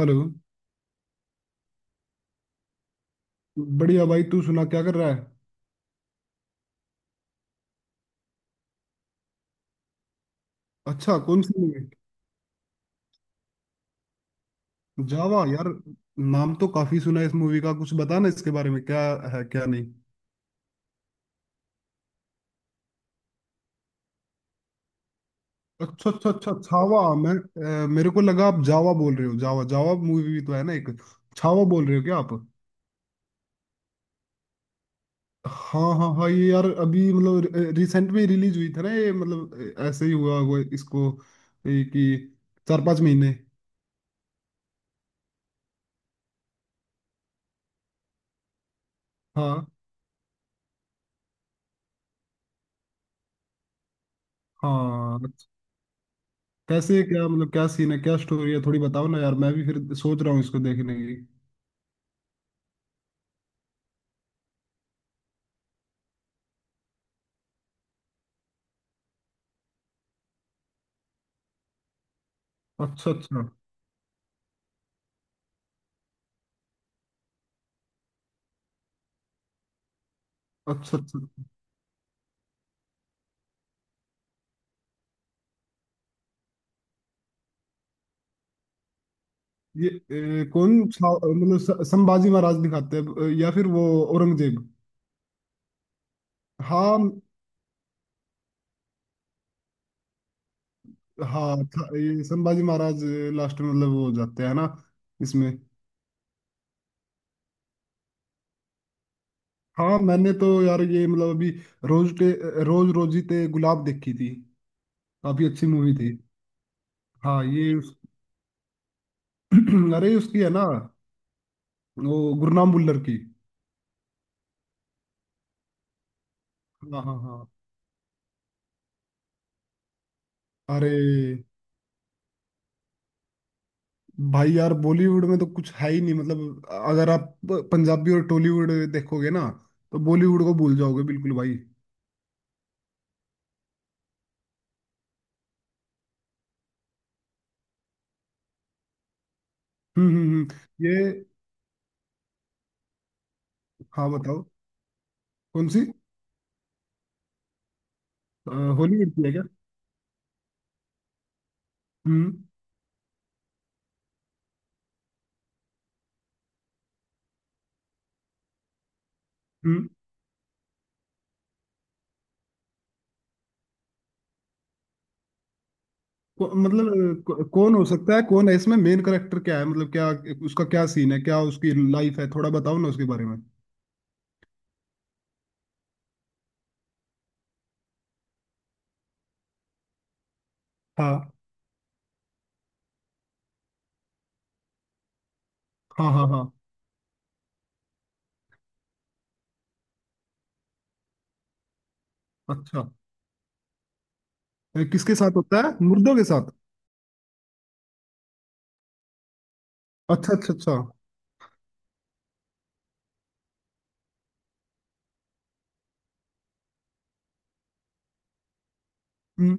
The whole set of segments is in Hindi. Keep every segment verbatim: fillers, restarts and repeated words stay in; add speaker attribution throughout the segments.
Speaker 1: हेलो। बढ़िया भाई, तू सुना क्या कर रहा है? अच्छा, कौन सी मूवी? जावा यार। नाम तो काफी सुना है इस मूवी का। कुछ बता ना इसके बारे में, क्या है क्या नहीं। अच्छा अच्छा अच्छा, छावा। मैं अ, मेरे को लगा आप जावा बोल रहे हो। जावा, जावा मूवी भी तो है ना एक। छावा बोल रहे हो क्या आप? हाँ हाँ हाँ, ये यार अभी मतलब रिसेंट में रिलीज हुई था ना ये, मतलब अ, ऐसे ही हुआ हुआ इसको, ये कि चार पांच महीने। हाँ हाँ। कैसे, क्या मतलब, क्या सीन है, क्या स्टोरी है, थोड़ी बताओ ना यार, मैं भी फिर सोच रहा हूँ इसको देखने की। अच्छा अच्छा अच्छा अच्छा। ये ए, कौन सा- मतलब स- संभाजी महाराज दिखाते हैं या फिर वो औरंगजेब? हाँ हाँ था, ये संभाजी महाराज लास्ट में मतलब वो हो जाते हैं ना इसमें। हाँ मैंने तो यार ये मतलब अभी रोज टे, रोज रोजी ते गुलाब देखी थी। काफी अच्छी मूवी थी। हाँ ये उस, अरे उसकी है ना वो, गुरनाम भुल्लर की। हाँ हाँ हाँ। अरे भाई यार, बॉलीवुड में तो कुछ है ही नहीं मतलब। अगर आप पंजाबी और टॉलीवुड देखोगे ना तो बॉलीवुड को भूल जाओगे बिल्कुल भाई। हम्म हम्म हम्म। ये। हाँ बताओ। कौन सी? अ, हॉलीवुड की है क्या? हम्म हम्म। को, मतलब को, कौन हो सकता है, कौन है इसमें मेन करेक्टर, क्या है मतलब, क्या उसका क्या सीन है, क्या उसकी लाइफ है? थोड़ा बताओ ना उसके बारे में। हाँ हाँ हाँ हाँ। अच्छा, अ, किसके साथ होता है, मुर्दों के साथ? अच्छा अच्छा अच्छा। हम्म।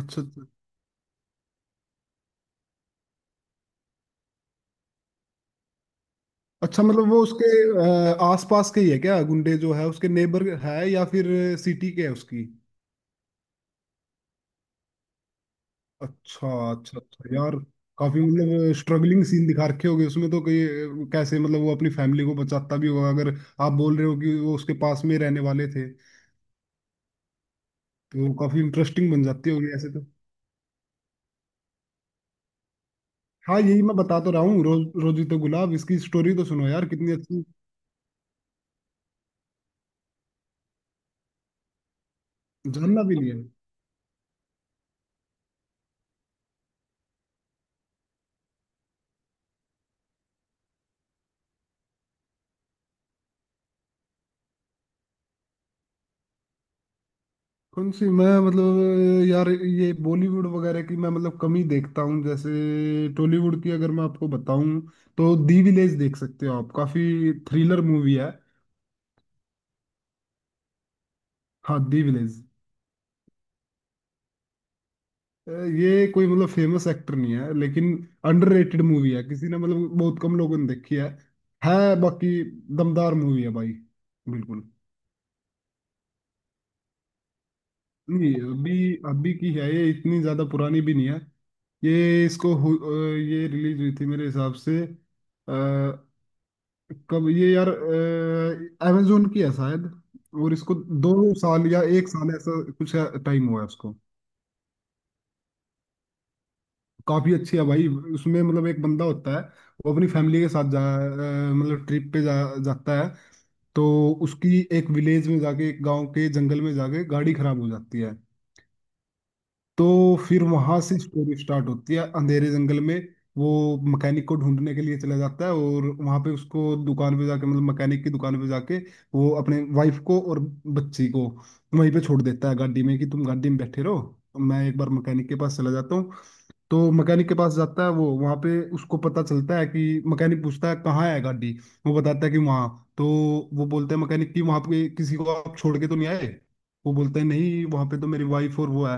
Speaker 1: अच्छा अच्छा अच्छा, मतलब वो उसके अ, आसपास के ही है क्या, गुंडे जो है उसके नेबर है या फिर सिटी के है उसकी? अच्छा अच्छा अच्छा यार। काफी मतलब स्ट्रगलिंग सीन दिखा रखे होगे उसमें तो कई। कैसे मतलब वो अपनी फैमिली को बचाता भी होगा, अगर आप बोल रहे हो कि वो उसके पास में रहने वाले थे तो काफी इंटरेस्टिंग बन जाती होगी ऐसे तो। हाँ यही मैं बता तो रहा हूँ, रोज रोजी तो गुलाब, इसकी स्टोरी तो सुनो यार कितनी अच्छी। जानना भी नहीं? कौन सी? मैं मतलब यार, ये बॉलीवुड वगैरह की मैं मतलब कम ही देखता हूँ। जैसे टॉलीवुड की अगर मैं आपको बताऊं, तो दी विलेज देख सकते हो आप, काफी थ्रिलर मूवी है। हाँ दी विलेज। ये कोई मतलब फेमस एक्टर नहीं है लेकिन अंडररेटेड मूवी है, किसी ने मतलब बहुत कम लोगों ने देखी है। है बाकी दमदार मूवी है भाई, बिल्कुल। नहीं अभी अभी की है ये, इतनी ज्यादा पुरानी भी नहीं है ये। इसको हु- अ, ये रिलीज हुई थी मेरे हिसाब से कब ये यार? अमेजोन की है शायद। और इसको दो साल या एक साल ऐसा कुछ टाइम हुआ है उसको। काफी अच्छी है भाई। उसमें मतलब एक बंदा होता है, वो अपनी फैमिली के साथ जा अ, मतलब ट्रिप पे जा जाता है। तो उसकी एक विलेज में जाके, एक गांव के जंगल में जाके, गाड़ी खराब हो जाती है। तो फिर वहां से स्टोरी स्टार्ट होती है। अंधेरे जंगल में वो मैकेनिक को ढूंढने के लिए चला जाता है, और वहां पे उसको दुकान पे जाके मतलब मैकेनिक की दुकान पे जाके वो अपने वाइफ को और बच्ची को वहीं पे छोड़ देता है गाड़ी में, कि तुम गाड़ी में बैठे रहो, तो मैं एक बार मैकेनिक के पास चला जाता हूँ। तो मैकेनिक के पास जाता है वो, वहां पे उसको पता चलता है कि मैकेनिक पूछता है कहाँ है गाड़ी। वो बताता है कि वहां। तो वो बोलते हैं मैकेनिक कि वहां पे किसी को आप छोड़ के तो नहीं आए? वो बोलता है नहीं, वहां पे तो मेरी वाइफ और वो है।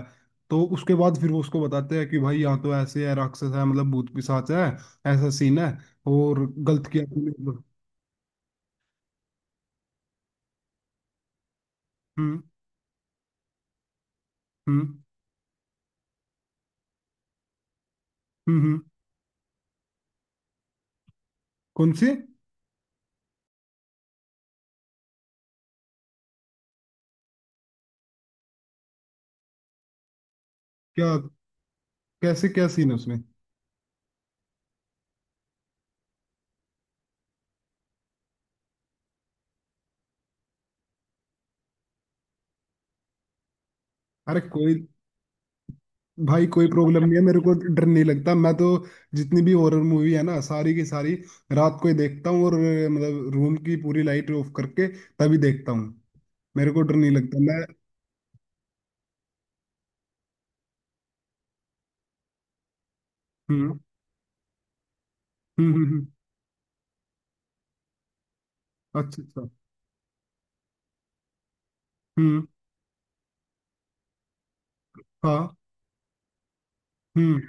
Speaker 1: तो उसके बाद फिर वो उसको बताते हैं कि भाई यहाँ तो ऐसे है, राक्षस है मतलब, भूत पिशाच है, ऐसा सीन है। और गलत किया तूने मतलब। हम्म हम्म हम्म हम्म। कौन सी? क्या? कैसे, क्या सीन है उसमें? अरे कोई भाई, कोई प्रॉब्लम नहीं है, मेरे को डर नहीं लगता। मैं तो जितनी भी हॉरर मूवी है ना सारी की सारी रात को ही देखता हूँ, और अ, मतलब रूम की पूरी लाइट ऑफ करके तभी देखता हूँ। मेरे को डर नहीं लगता मैं। हम्म हम्म हम्म हम्म। अच्छा अच्छा। हम्म। हाँ। हम्म।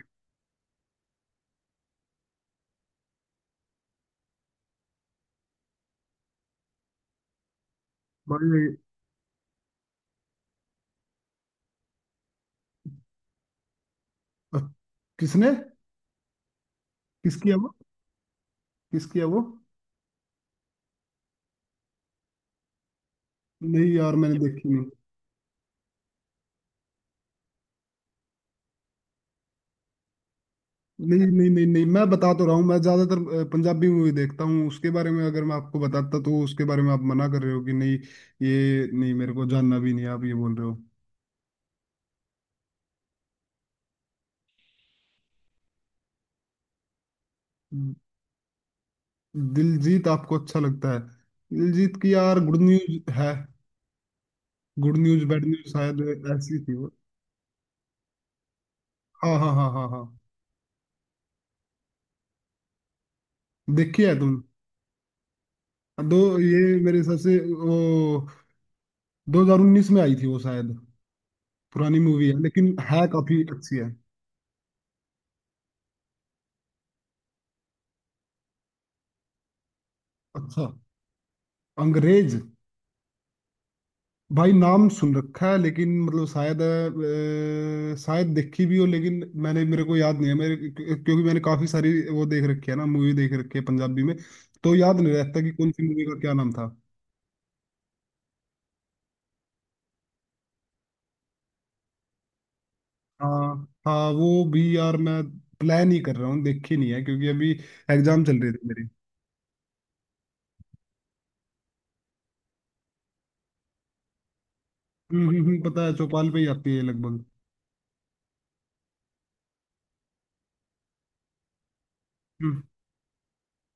Speaker 1: भाई अ, किसने? किसकी है वो? किसकी है वो? नहीं यार, मैंने देखी नहीं। नहीं नहीं नहीं नहीं, मैं बता तो रहा हूँ, मैं ज्यादातर अ, पंजाबी मूवी देखता हूँ। उसके बारे में अगर मैं आपको बताता, तो उसके बारे में आप मना कर रहे हो कि नहीं ये नहीं, मेरे को जानना भी नहीं है, आप ये बोल रहे हो। दिलजीत आपको अच्छा लगता है? दिलजीत की यार गुड न्यूज है। गुड न्यूज बैड न्यूज शायद ऐसी थी वो। हाँ हाँ हाँ हाँ हाँ। देखी है तुम? दो ये, मेरे हिसाब से वो दो हज़ार उन्नीस में आई थी वो शायद। पुरानी मूवी है लेकिन है काफी अच्छी है। अच्छा अंग्रेज। भाई नाम सुन रखा है लेकिन मतलब शायद अ, शायद देखी भी हो लेकिन मैंने मेरे को याद नहीं है मेरे, क्योंकि मैंने काफी सारी वो देख रखी है ना मूवी, देख रखी है पंजाबी में। तो याद नहीं रहता कि कौन सी मूवी का क्या नाम था। हाँ हाँ वो भी यार मैं प्लान ही कर रहा हूँ, देखी नहीं है क्योंकि अभी एग्जाम चल रही थी मेरी। हम्म हम्म हम्म। पता है चौपाल पे ही आती है लगभग।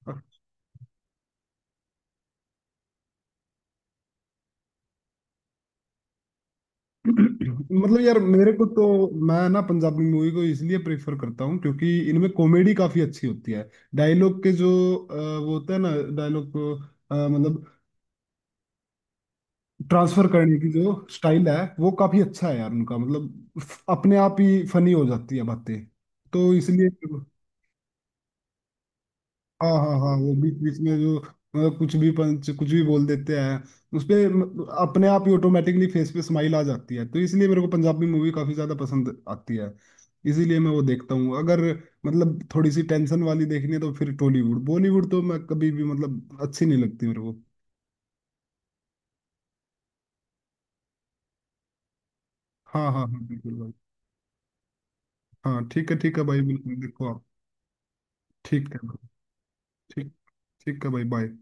Speaker 1: हम्म। मतलब यार मेरे को तो, मैं ना पंजाबी मूवी को इसलिए प्रेफर करता हूँ क्योंकि इनमें कॉमेडी काफी अच्छी होती है। डायलॉग के जो अ, वो होता है ना, डायलॉग को अ, मतलब ट्रांसफर करने की जो स्टाइल है वो काफी अच्छा है यार उनका, मतलब अपने आप ही फनी हो जाती है बातें, तो इसलिए। हाँ हाँ हाँ, वो बीच बीच में जो मतलब कुछ भी पंच कुछ भी बोल देते हैं, उस पे म- अपने आप ही ऑटोमेटिकली फेस पे स्माइल आ जाती है। तो इसलिए मेरे को पंजाबी मूवी काफी ज्यादा पसंद आती है, इसीलिए मैं वो देखता हूँ। अगर मतलब थोड़ी सी टेंशन वाली देखनी है तो फिर टॉलीवुड बॉलीवुड तो मैं कभी भी मतलब अच्छी नहीं लगती मेरे को। हाँ हाँ हाँ बिल्कुल भाई। हाँ ठीक है ठीक है भाई, बिल्कुल देखो आप। ठीक है भाई, ठीक ठीक है भाई, बाय।